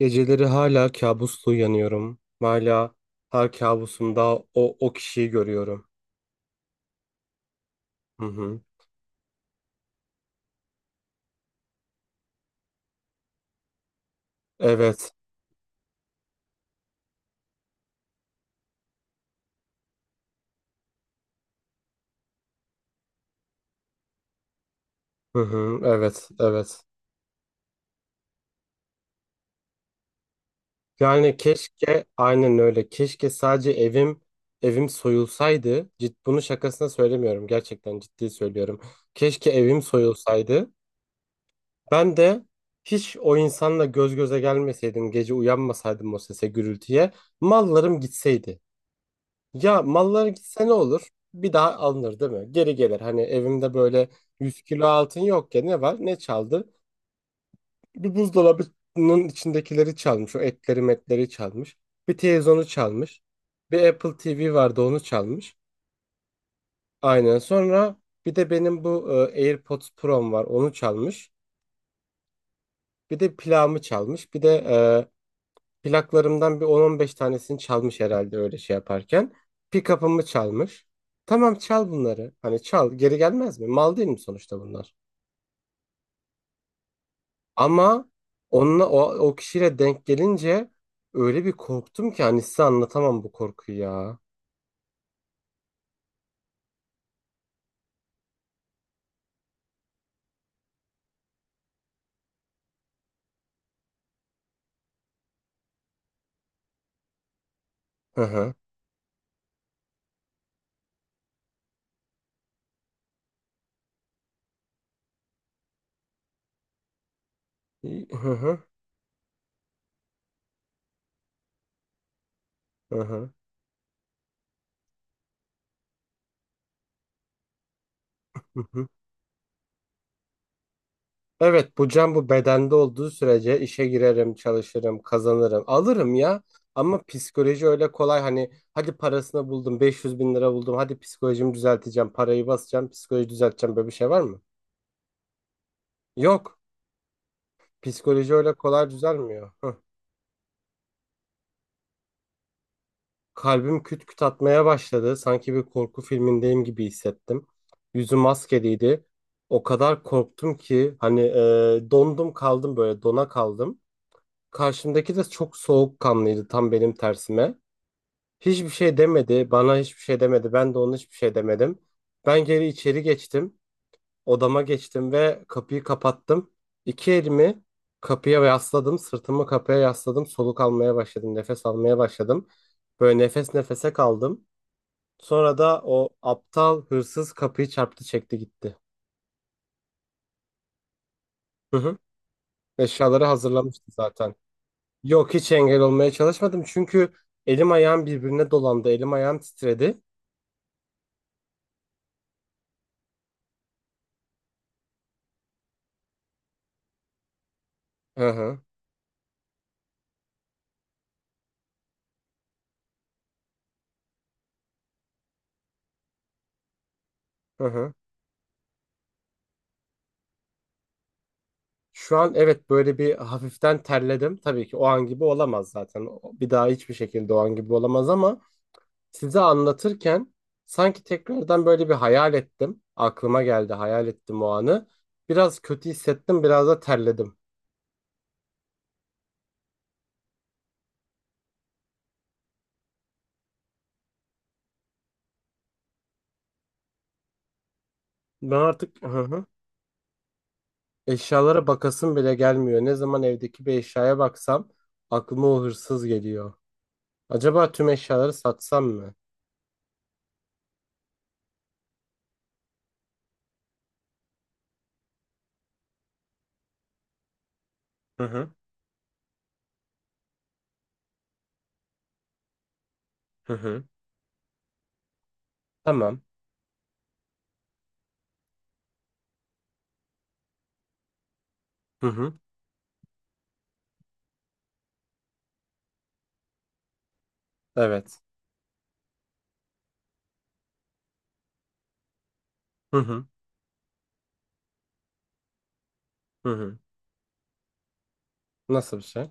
Geceleri hala kabusla uyanıyorum. Hala her kabusumda o kişiyi görüyorum. Hı hı. Evet. Hı hı. Evet. Evet. Yani keşke aynen öyle. Keşke sadece evim soyulsaydı. Bunu şakasına söylemiyorum. Gerçekten ciddi söylüyorum. Keşke evim soyulsaydı. Ben de hiç o insanla göz göze gelmeseydim, gece uyanmasaydım o sese, gürültüye, mallarım gitseydi. Ya mallar gitse ne olur? Bir daha alınır değil mi? Geri gelir. Hani evimde böyle 100 kilo altın yok ya, ne var? Ne çaldı? Bir buzdolabının içindekileri çalmış. O etleri metleri çalmış. Bir televizyonu çalmış. Bir Apple TV vardı, onu çalmış. Aynen. Sonra bir de benim bu AirPods Pro'm var, onu çalmış. Bir de plağımı çalmış. Bir de plaklarımdan bir 10-15 tanesini çalmış herhalde öyle şey yaparken. Pick-up'ımı çalmış. Tamam, çal bunları. Hani çal, geri gelmez mi? Mal değil mi sonuçta bunlar? Ama onunla o kişiyle denk gelince öyle bir korktum ki, hani size anlatamam bu korkuyu ya. Hı hı. Hı hı. Hı hı. Evet, bu can bu bedende olduğu sürece işe girerim, çalışırım, kazanırım, alırım ya. Ama psikoloji öyle kolay hani, hadi parasını buldum, 500 bin lira buldum, hadi psikolojimi düzelteceğim, parayı basacağım, psikoloji düzelteceğim, böyle bir şey var mı? Yok, psikoloji öyle kolay düzelmiyor. Hıh. Kalbim küt küt atmaya başladı, sanki bir korku filmindeyim gibi hissettim. Yüzüm maskeliydi, o kadar korktum ki hani dondum kaldım, böyle dona kaldım. Karşımdaki de çok soğukkanlıydı, tam benim tersime. Hiçbir şey demedi. Bana hiçbir şey demedi. Ben de ona hiçbir şey demedim. Ben geri içeri geçtim. Odama geçtim ve kapıyı kapattım. İki elimi kapıya yasladım. Sırtımı kapıya yasladım. Soluk almaya başladım. Nefes almaya başladım. Böyle nefes nefese kaldım. Sonra da o aptal hırsız kapıyı çarptı, çekti gitti. Hı hı. Eşyaları hazırlamıştı zaten. Yok, hiç engel olmaya çalışmadım. Çünkü elim ayağım birbirine dolandı. Elim ayağım titredi. Hı hı. Hı hı. Şu an evet, böyle bir hafiften terledim. Tabii ki o an gibi olamaz zaten. Bir daha hiçbir şekilde o an gibi olamaz, ama size anlatırken sanki tekrardan böyle bir hayal ettim. Aklıma geldi, hayal ettim o anı. Biraz kötü hissettim, biraz da terledim. Ben artık, hı hı, eşyalara bakasım bile gelmiyor. Ne zaman evdeki bir eşyaya baksam aklıma o hırsız geliyor. Acaba tüm eşyaları satsam mı? Hı hı, hı hı. Tamam. Hı hı. Evet. Hı hı, hı hı. Nasıl bir şey?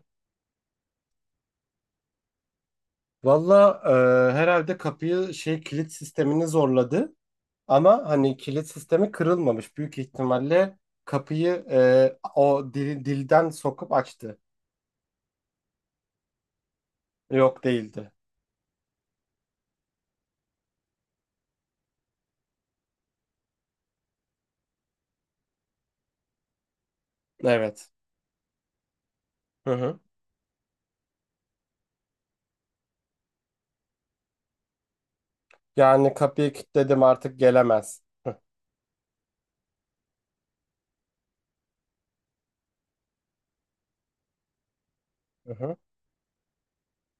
Valla herhalde kapıyı, şey, kilit sistemini zorladı. Ama hani kilit sistemi kırılmamış. Büyük ihtimalle kapıyı o dilden sokup açtı. Yok, değildi. Evet. Hı hı. Yani kapıyı kilitledim, artık gelemez. Hı hı.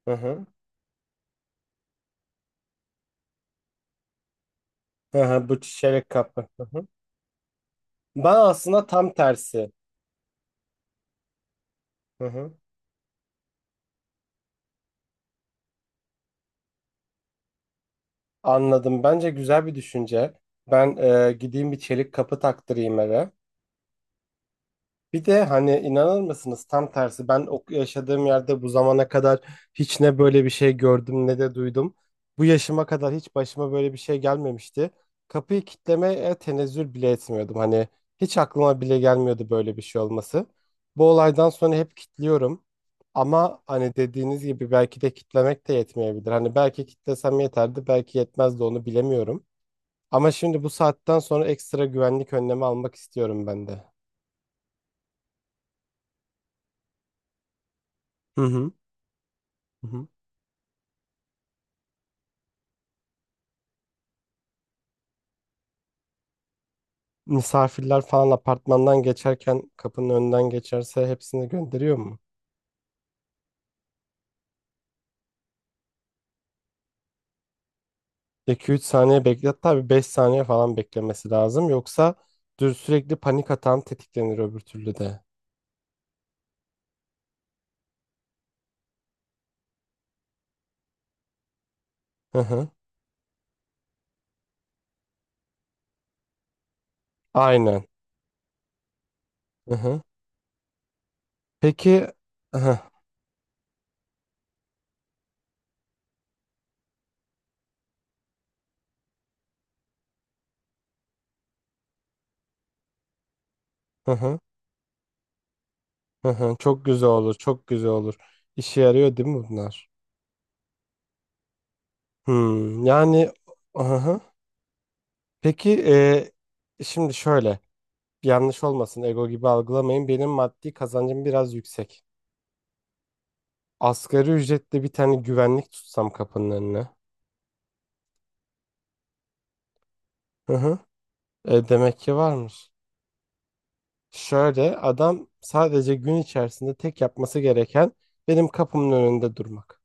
Hı hı. Hı hı. Bu çelik kapı. Hı hı. Ben aslında tam tersi. Hı hı. Anladım. Bence güzel bir düşünce. Ben gideyim bir çelik kapı taktırayım eve. Bir de hani, inanır mısınız, tam tersi, ben o yaşadığım yerde bu zamana kadar hiç ne böyle bir şey gördüm ne de duydum. Bu yaşıma kadar hiç başıma böyle bir şey gelmemişti. Kapıyı kitlemeye tenezzül bile etmiyordum. Hani hiç aklıma bile gelmiyordu böyle bir şey olması. Bu olaydan sonra hep kitliyorum. Ama hani dediğiniz gibi belki de kitlemek de yetmeyebilir. Hani belki kitlesem yeterdi, belki yetmezdi, onu bilemiyorum. Ama şimdi bu saatten sonra ekstra güvenlik önlemi almak istiyorum ben de. Hı hı. Misafirler falan apartmandan geçerken kapının önünden geçerse hepsini gönderiyor mu? 2 3 saniye beklet, tabii 5 saniye falan beklemesi lazım. Yoksa dür sürekli panik atan tetiklenir öbür türlü de. Hı hı. Aynen. Hı hı. Peki, hı hı, hı hı. Hı. Hı. Çok güzel olur. Çok güzel olur. İşe yarıyor değil mi bunlar? Hmm, yani hı hı. Peki şimdi şöyle, yanlış olmasın, ego gibi algılamayın. Benim maddi kazancım biraz yüksek. Asgari ücretle bir tane güvenlik tutsam kapının önüne. Hı hı. Demek ki varmış. Şöyle, adam sadece gün içerisinde tek yapması gereken benim kapımın önünde durmak.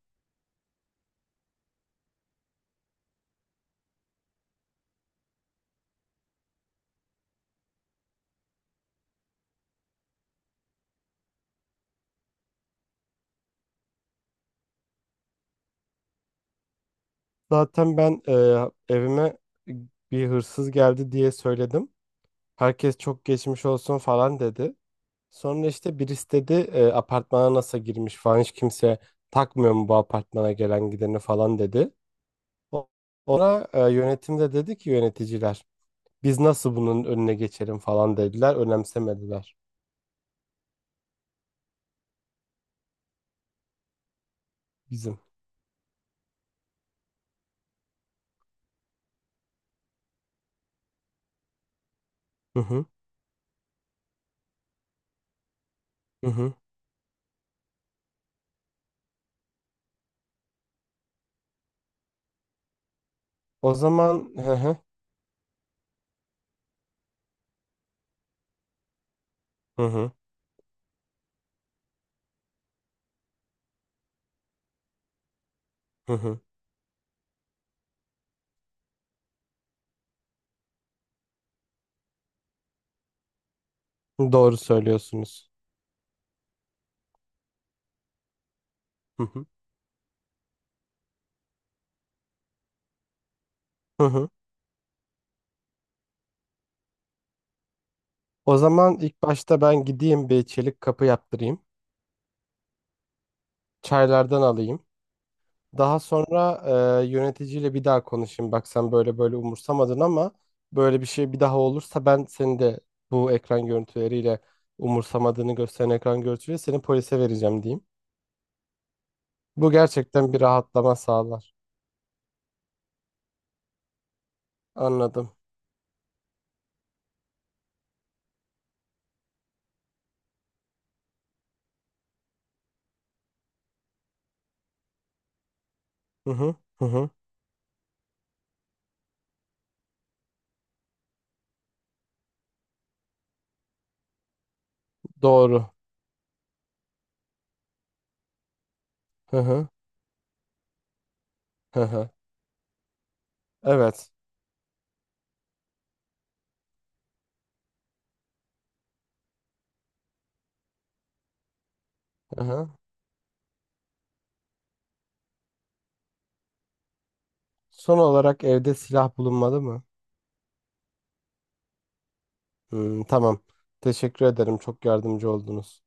Zaten ben evime bir hırsız geldi diye söyledim. Herkes çok geçmiş olsun falan dedi. Sonra işte birisi dedi apartmana nasıl girmiş falan, hiç kimse takmıyor mu bu apartmana gelen gideni falan dedi. O- Ona yönetim de dedi ki, yöneticiler. Biz nasıl bunun önüne geçelim falan dediler. Önemsemediler bizim. Hı hı. Hı hı. O zaman, hı hı. Hı hı. Hı hı. Doğru söylüyorsunuz. Hı hı. Hı hı. O zaman ilk başta ben gideyim bir çelik kapı yaptırayım. Çaylardan alayım. Daha sonra yöneticiyle bir daha konuşayım. Bak sen böyle böyle umursamadın, ama böyle bir şey bir daha olursa ben seni de bu ekran görüntüleriyle, umursamadığını gösteren ekran görüntüsüyle seni polise vereceğim diyeyim. Bu gerçekten bir rahatlama sağlar. Anladım. Hı hı. Hı hı. Doğru. Hı hı. Hı hı. Evet. Hı hı. Son olarak evde silah bulunmadı mı? Hmm, tamam. Teşekkür ederim. Çok yardımcı oldunuz.